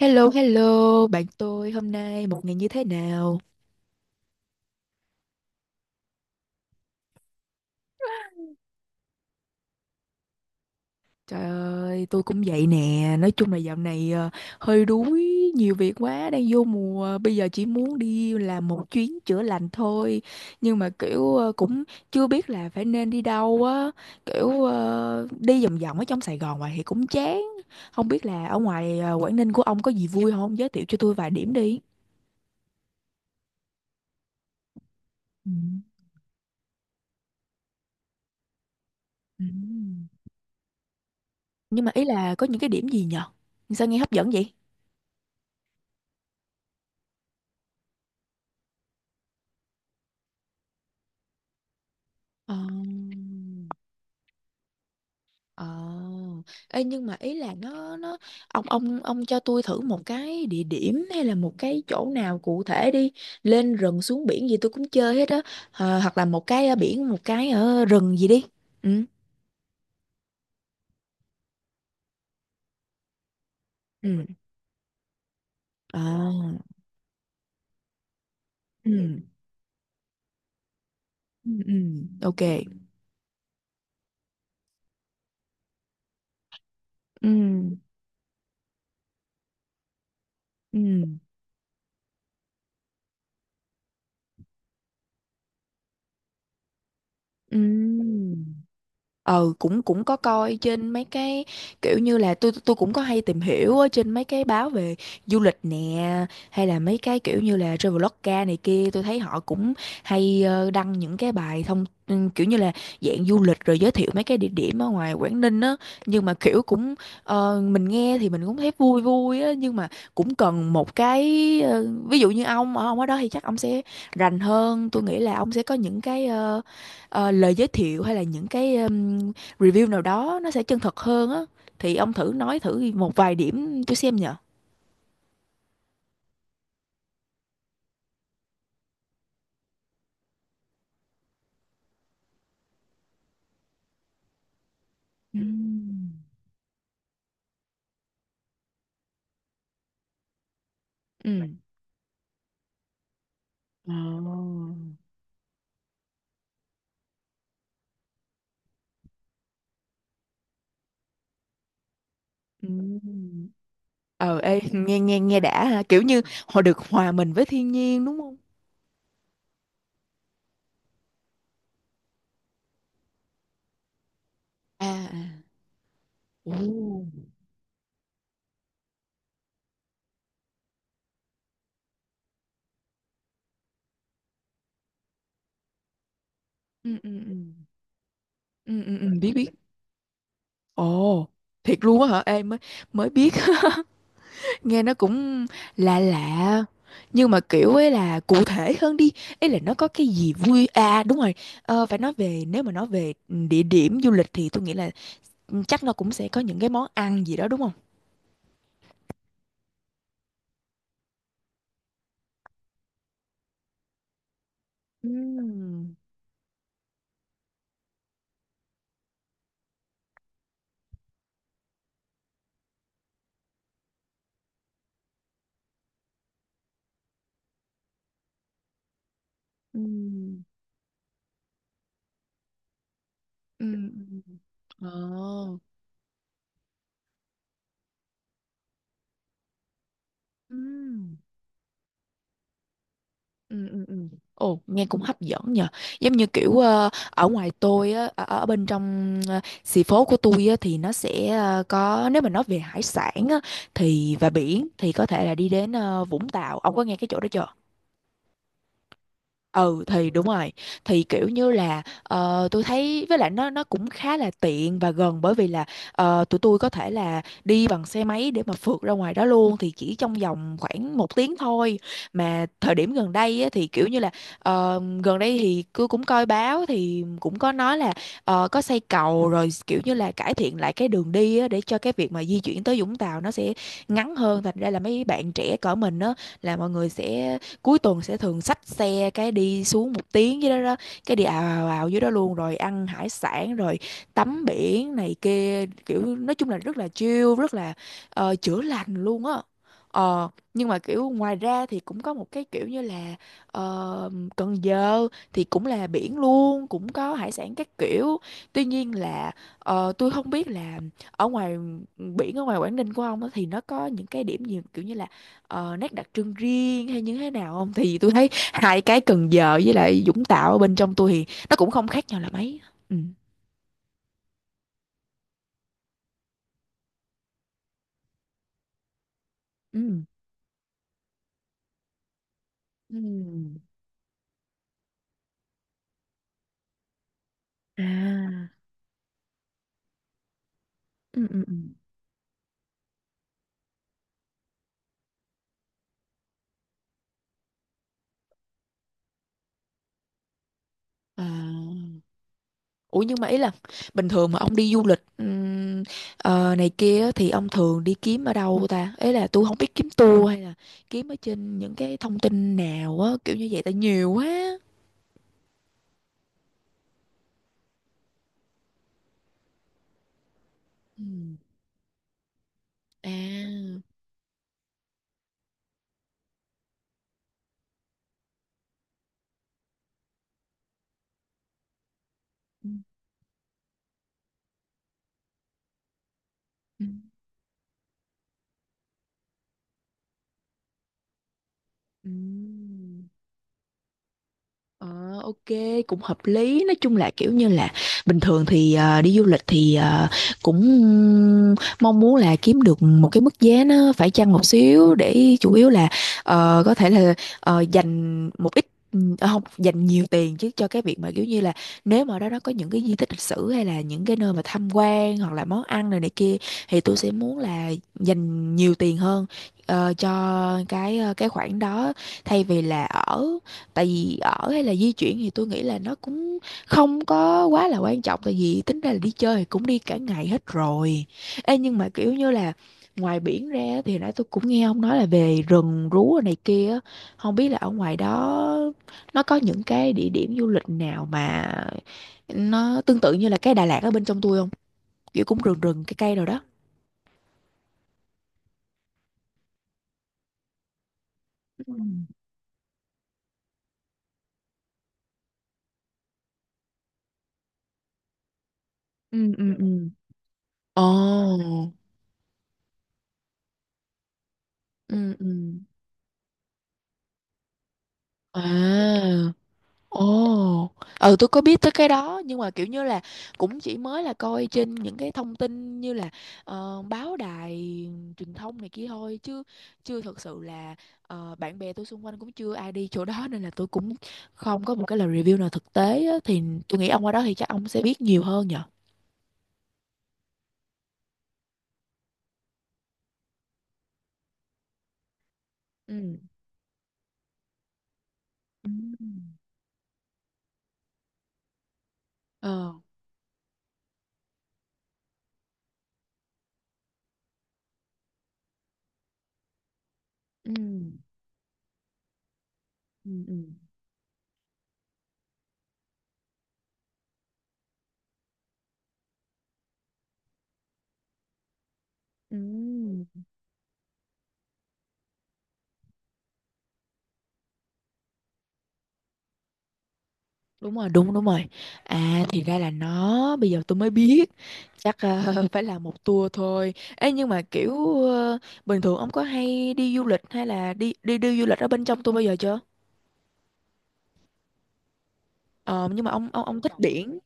Hello, hello, bạn tôi hôm nay một ngày như thế nào? Trời ơi, tôi cũng vậy nè. Nói chung là dạo này hơi đuối, nhiều việc quá, đang vô mùa. Bây giờ chỉ muốn đi làm một chuyến chữa lành thôi. Nhưng mà kiểu cũng chưa biết là phải nên đi đâu á. Kiểu đi vòng vòng ở trong Sài Gòn hoài thì cũng chán. Không biết là ở ngoài Quảng Ninh của ông có gì vui không? Giới thiệu cho tôi vài điểm đi. Ừ. Ừ. Nhưng mà ý là có những cái điểm gì nhờ? Sao nghe hấp dẫn vậy? Ờ. Ờ. Ê, nhưng mà ý là nó ông cho tôi thử một cái địa điểm hay là một cái chỗ nào cụ thể đi, lên rừng xuống biển gì tôi cũng chơi hết á. Ờ, hoặc là một cái ở biển, một cái ở rừng gì đi. Ừ. Ừ. Ờ. Ừ. Ừ. Ừ. Ok. Ừ. Ừ. Ừ. Ờ, cũng cũng có coi trên mấy cái kiểu như là tôi cũng có hay tìm hiểu ở trên mấy cái báo về du lịch nè, hay là mấy cái kiểu như là Traveloka này kia, tôi thấy họ cũng hay đăng những cái bài thông kiểu như là dạng du lịch rồi giới thiệu mấy cái địa điểm ở ngoài Quảng Ninh á. Nhưng mà kiểu cũng mình nghe thì mình cũng thấy vui vui á, nhưng mà cũng cần một cái ví dụ như ông ở đó thì chắc ông sẽ rành hơn. Tôi nghĩ là ông sẽ có những cái lời giới thiệu hay là những cái review nào đó nó sẽ chân thật hơn á, thì ông thử nói thử một vài điểm tôi xem nhờ. Ừ. Ờ. Ừ. Ờ, ê, nghe nghe nghe đã ha, kiểu như họ được hòa mình với thiên nhiên đúng không? À. À. Ồ. Ừ, ừ, ừ. Ừ, ừ, ừ, biết biết. Ồ, thiệt luôn á hả? Em mới mới biết. Nghe nó cũng lạ lạ, nhưng mà kiểu ấy là cụ thể hơn đi, ấy là nó có cái gì vui à, đúng rồi. Ờ, phải nói về, nếu mà nói về địa điểm du lịch thì tôi nghĩ là chắc nó cũng sẽ có những cái món ăn gì đó, đúng không? Ừm. Ừm. Ừ, ừ, ừ. Ồ. Ừm. Ừ, ừ, ừ. Ồ, nghe cũng hấp dẫn nhờ. Giống như kiểu ở ngoài tôi á, ở bên trong xì phố của tôi á, thì nó sẽ có, nếu mà nói về hải sản á, thì và biển thì có thể là đi đến Vũng Tàu. Ông có nghe cái chỗ đó chưa? Ừ, thì đúng rồi, thì kiểu như là tôi thấy với lại nó cũng khá là tiện và gần, bởi vì là tụi tôi có thể là đi bằng xe máy để mà phượt ra ngoài đó luôn, thì chỉ trong vòng khoảng một tiếng thôi. Mà thời điểm gần đây á, thì kiểu như là gần đây thì tôi cũng coi báo thì cũng có nói là có xây cầu rồi, kiểu như là cải thiện lại cái đường đi á, để cho cái việc mà di chuyển tới Vũng Tàu nó sẽ ngắn hơn. Thành ra là mấy bạn trẻ cỡ mình á, là mọi người sẽ cuối tuần sẽ thường xách xe cái đi xuống một tiếng dưới đó đó, cái đi ào ào ào dưới đó luôn, rồi ăn hải sản rồi tắm biển này kia. Kiểu nói chung là rất là chill, rất là chữa lành luôn á. Ờ, nhưng mà kiểu ngoài ra thì cũng có một cái kiểu như là ờ, Cần Giờ thì cũng là biển luôn, cũng có hải sản các kiểu. Tuy nhiên là tôi không biết là ở ngoài biển ở ngoài Quảng Ninh của ông á thì nó có những cái điểm gì kiểu như là nét đặc trưng riêng hay như thế nào không? Thì tôi thấy hai cái Cần Giờ với lại Vũng Tàu ở bên trong tôi thì nó cũng không khác nhau là mấy. Ừ. Ừ. Ừ. À. Ừ, ừ, ừ. À, ủa, nhưng mà ý là bình thường mà ông đi du lịch này kia á, thì ông thường đi kiếm ở đâu ta? Ấy là tôi không biết kiếm tour hay là kiếm ở trên những cái thông tin nào á, kiểu như vậy tại nhiều quá. Ừ. À. Ừ. Ừ. Ừ. Ờ, ok, cũng hợp lý. Nói chung là kiểu như là bình thường thì đi du lịch thì cũng mong muốn là kiếm được một cái mức giá nó phải chăng một xíu, để chủ yếu là có thể là dành một ít, không dành nhiều tiền chứ, cho cái việc mà kiểu như là nếu mà ở đó nó có những cái di tích lịch sử hay là những cái nơi mà tham quan hoặc là món ăn này này kia, thì tôi sẽ muốn là dành nhiều tiền hơn cho cái khoản đó, thay vì là ở. Tại vì ở hay là di chuyển thì tôi nghĩ là nó cũng không có quá là quan trọng, tại vì tính ra là đi chơi thì cũng đi cả ngày hết rồi. Ê, nhưng mà kiểu như là ngoài biển ra á, thì nãy tôi cũng nghe ông nói là về rừng rú rồi này kia á. Không biết là ở ngoài đó nó có những cái địa điểm du lịch nào mà nó tương tự như là cái Đà Lạt ở bên trong tôi không, kiểu cũng rừng rừng cây cây rồi đó. Ừ. Ừ. Ừ. Ừ. Ồ. Ừ. Ừ. À. Ồ, ừ, tôi có biết tới cái đó nhưng mà kiểu như là cũng chỉ mới là coi trên những cái thông tin như là báo đài truyền thông này kia thôi, chứ chưa thật sự là bạn bè tôi xung quanh cũng chưa ai đi chỗ đó, nên là tôi cũng không có một cái lời review nào thực tế á, thì tôi nghĩ ông qua đó thì chắc ông sẽ biết nhiều hơn nhở. Ừ. Ừ. Ờ. Ừ, ừ, ừ. Ừ. Đúng rồi, đúng đúng rồi. À, thì ra là nó, bây giờ tôi mới biết. Chắc phải là một tour thôi ấy. Nhưng mà kiểu bình thường ông có hay đi du lịch, hay là đi đi đi du lịch ở bên trong tôi bao giờ chưa? Ờ, nhưng mà ông thích biển.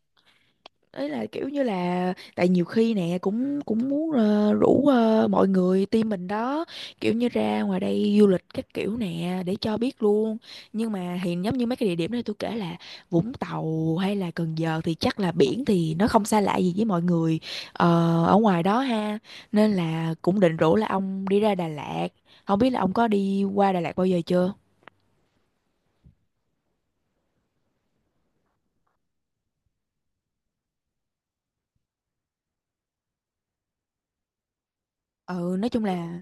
Ấy là kiểu như là tại nhiều khi nè cũng cũng muốn rủ mọi người team mình đó, kiểu như ra ngoài đây du lịch các kiểu nè để cho biết luôn. Nhưng mà thì giống như mấy cái địa điểm này tôi kể là Vũng Tàu hay là Cần Giờ thì chắc là biển thì nó không xa lạ gì với mọi người ờ, ở ngoài đó ha. Nên là cũng định rủ là ông đi ra Đà Lạt, không biết là ông có đi qua Đà Lạt bao giờ chưa. Ừ, nói chung là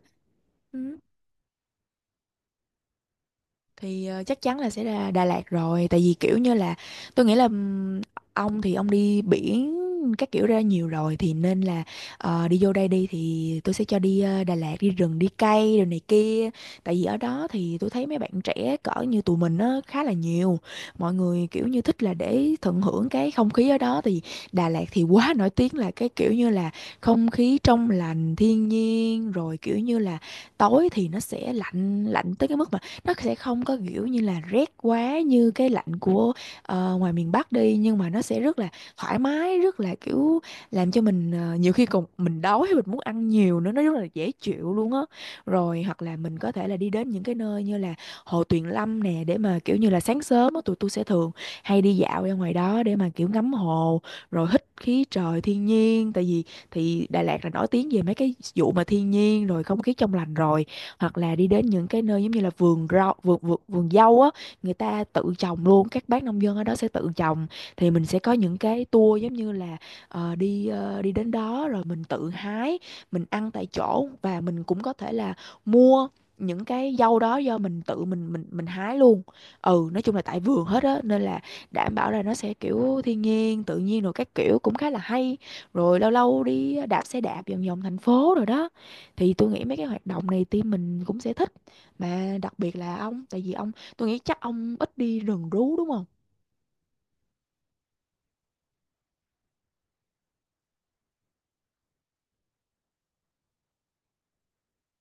thì chắc chắn là sẽ ra Đà Lạt rồi, tại vì kiểu như là tôi nghĩ là ông thì ông đi biển các kiểu ra nhiều rồi, thì nên là đi vô đây đi thì tôi sẽ cho đi Đà Lạt, đi rừng đi cây rồi này kia. Tại vì ở đó thì tôi thấy mấy bạn trẻ cỡ như tụi mình nó khá là nhiều, mọi người kiểu như thích là để tận hưởng cái không khí ở đó. Thì Đà Lạt thì quá nổi tiếng là cái kiểu như là không khí trong lành thiên nhiên, rồi kiểu như là tối thì nó sẽ lạnh lạnh tới cái mức mà nó sẽ không có kiểu như là rét quá như cái lạnh của ngoài miền Bắc đi, nhưng mà nó sẽ rất là thoải mái, rất là kiểu làm cho mình nhiều khi còn mình đói hay mình muốn ăn nhiều nữa, nó rất là dễ chịu luôn á. Rồi hoặc là mình có thể là đi đến những cái nơi như là Hồ Tuyền Lâm nè, để mà kiểu như là sáng sớm á tụi tôi sẽ thường hay đi dạo ra ngoài đó để mà kiểu ngắm hồ, rồi hít khí trời thiên nhiên. Tại vì thì Đà Lạt là nổi tiếng về mấy cái vụ mà thiên nhiên rồi không khí trong lành rồi. Hoặc là đi đến những cái nơi giống như là vườn rau, vườn vườn, vườn dâu á, người ta tự trồng luôn, các bác nông dân ở đó sẽ tự trồng. Thì mình sẽ có những cái tour giống như là đi đến đó rồi mình tự hái, mình ăn tại chỗ, và mình cũng có thể là mua những cái dâu đó do mình tự mình hái luôn. Ừ, nói chung là tại vườn hết á, nên là đảm bảo là nó sẽ kiểu thiên nhiên tự nhiên rồi các kiểu, cũng khá là hay. Rồi lâu lâu đi đạp xe đạp vòng vòng thành phố rồi đó, thì tôi nghĩ mấy cái hoạt động này team mình cũng sẽ thích, mà đặc biệt là ông, tại vì ông, tôi nghĩ chắc ông ít đi rừng rú đúng không?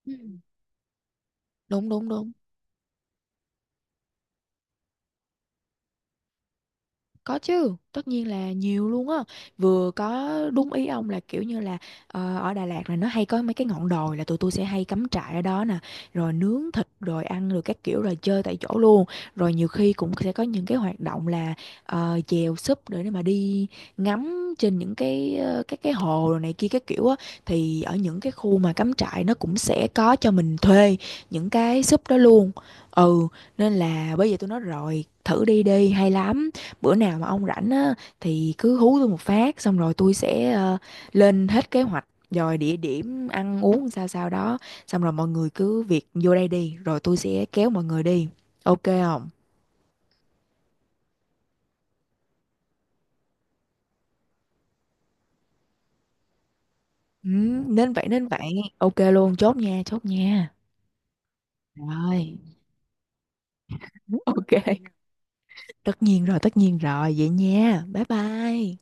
Ừ. Đúng đúng đúng. Có chứ, tất nhiên là nhiều luôn á. Vừa có đúng ý ông là kiểu như là ở Đà Lạt là nó hay có mấy cái ngọn đồi là tụi tôi sẽ hay cắm trại ở đó nè, rồi nướng thịt rồi ăn rồi các kiểu rồi chơi tại chỗ luôn. Rồi nhiều khi cũng sẽ có những cái hoạt động là chèo súp để mà đi ngắm trên những cái các cái hồ rồi này kia các kiểu á. Thì ở những cái khu mà cắm trại nó cũng sẽ có cho mình thuê những cái súp đó luôn. Ừ, nên là bây giờ tôi nói rồi, thử đi đi, hay lắm. Bữa nào mà ông rảnh á thì cứ hú tôi một phát, xong rồi tôi sẽ lên hết kế hoạch, rồi địa điểm ăn uống sao sao đó. Xong rồi mọi người cứ việc vô đây đi, rồi tôi sẽ kéo mọi người đi, ok không? Ừ, nên vậy nên vậy. Ok luôn, chốt nha, chốt nha. Rồi. Ok, tất nhiên rồi, tất nhiên rồi, vậy nha, bye bye.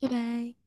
Bye bye.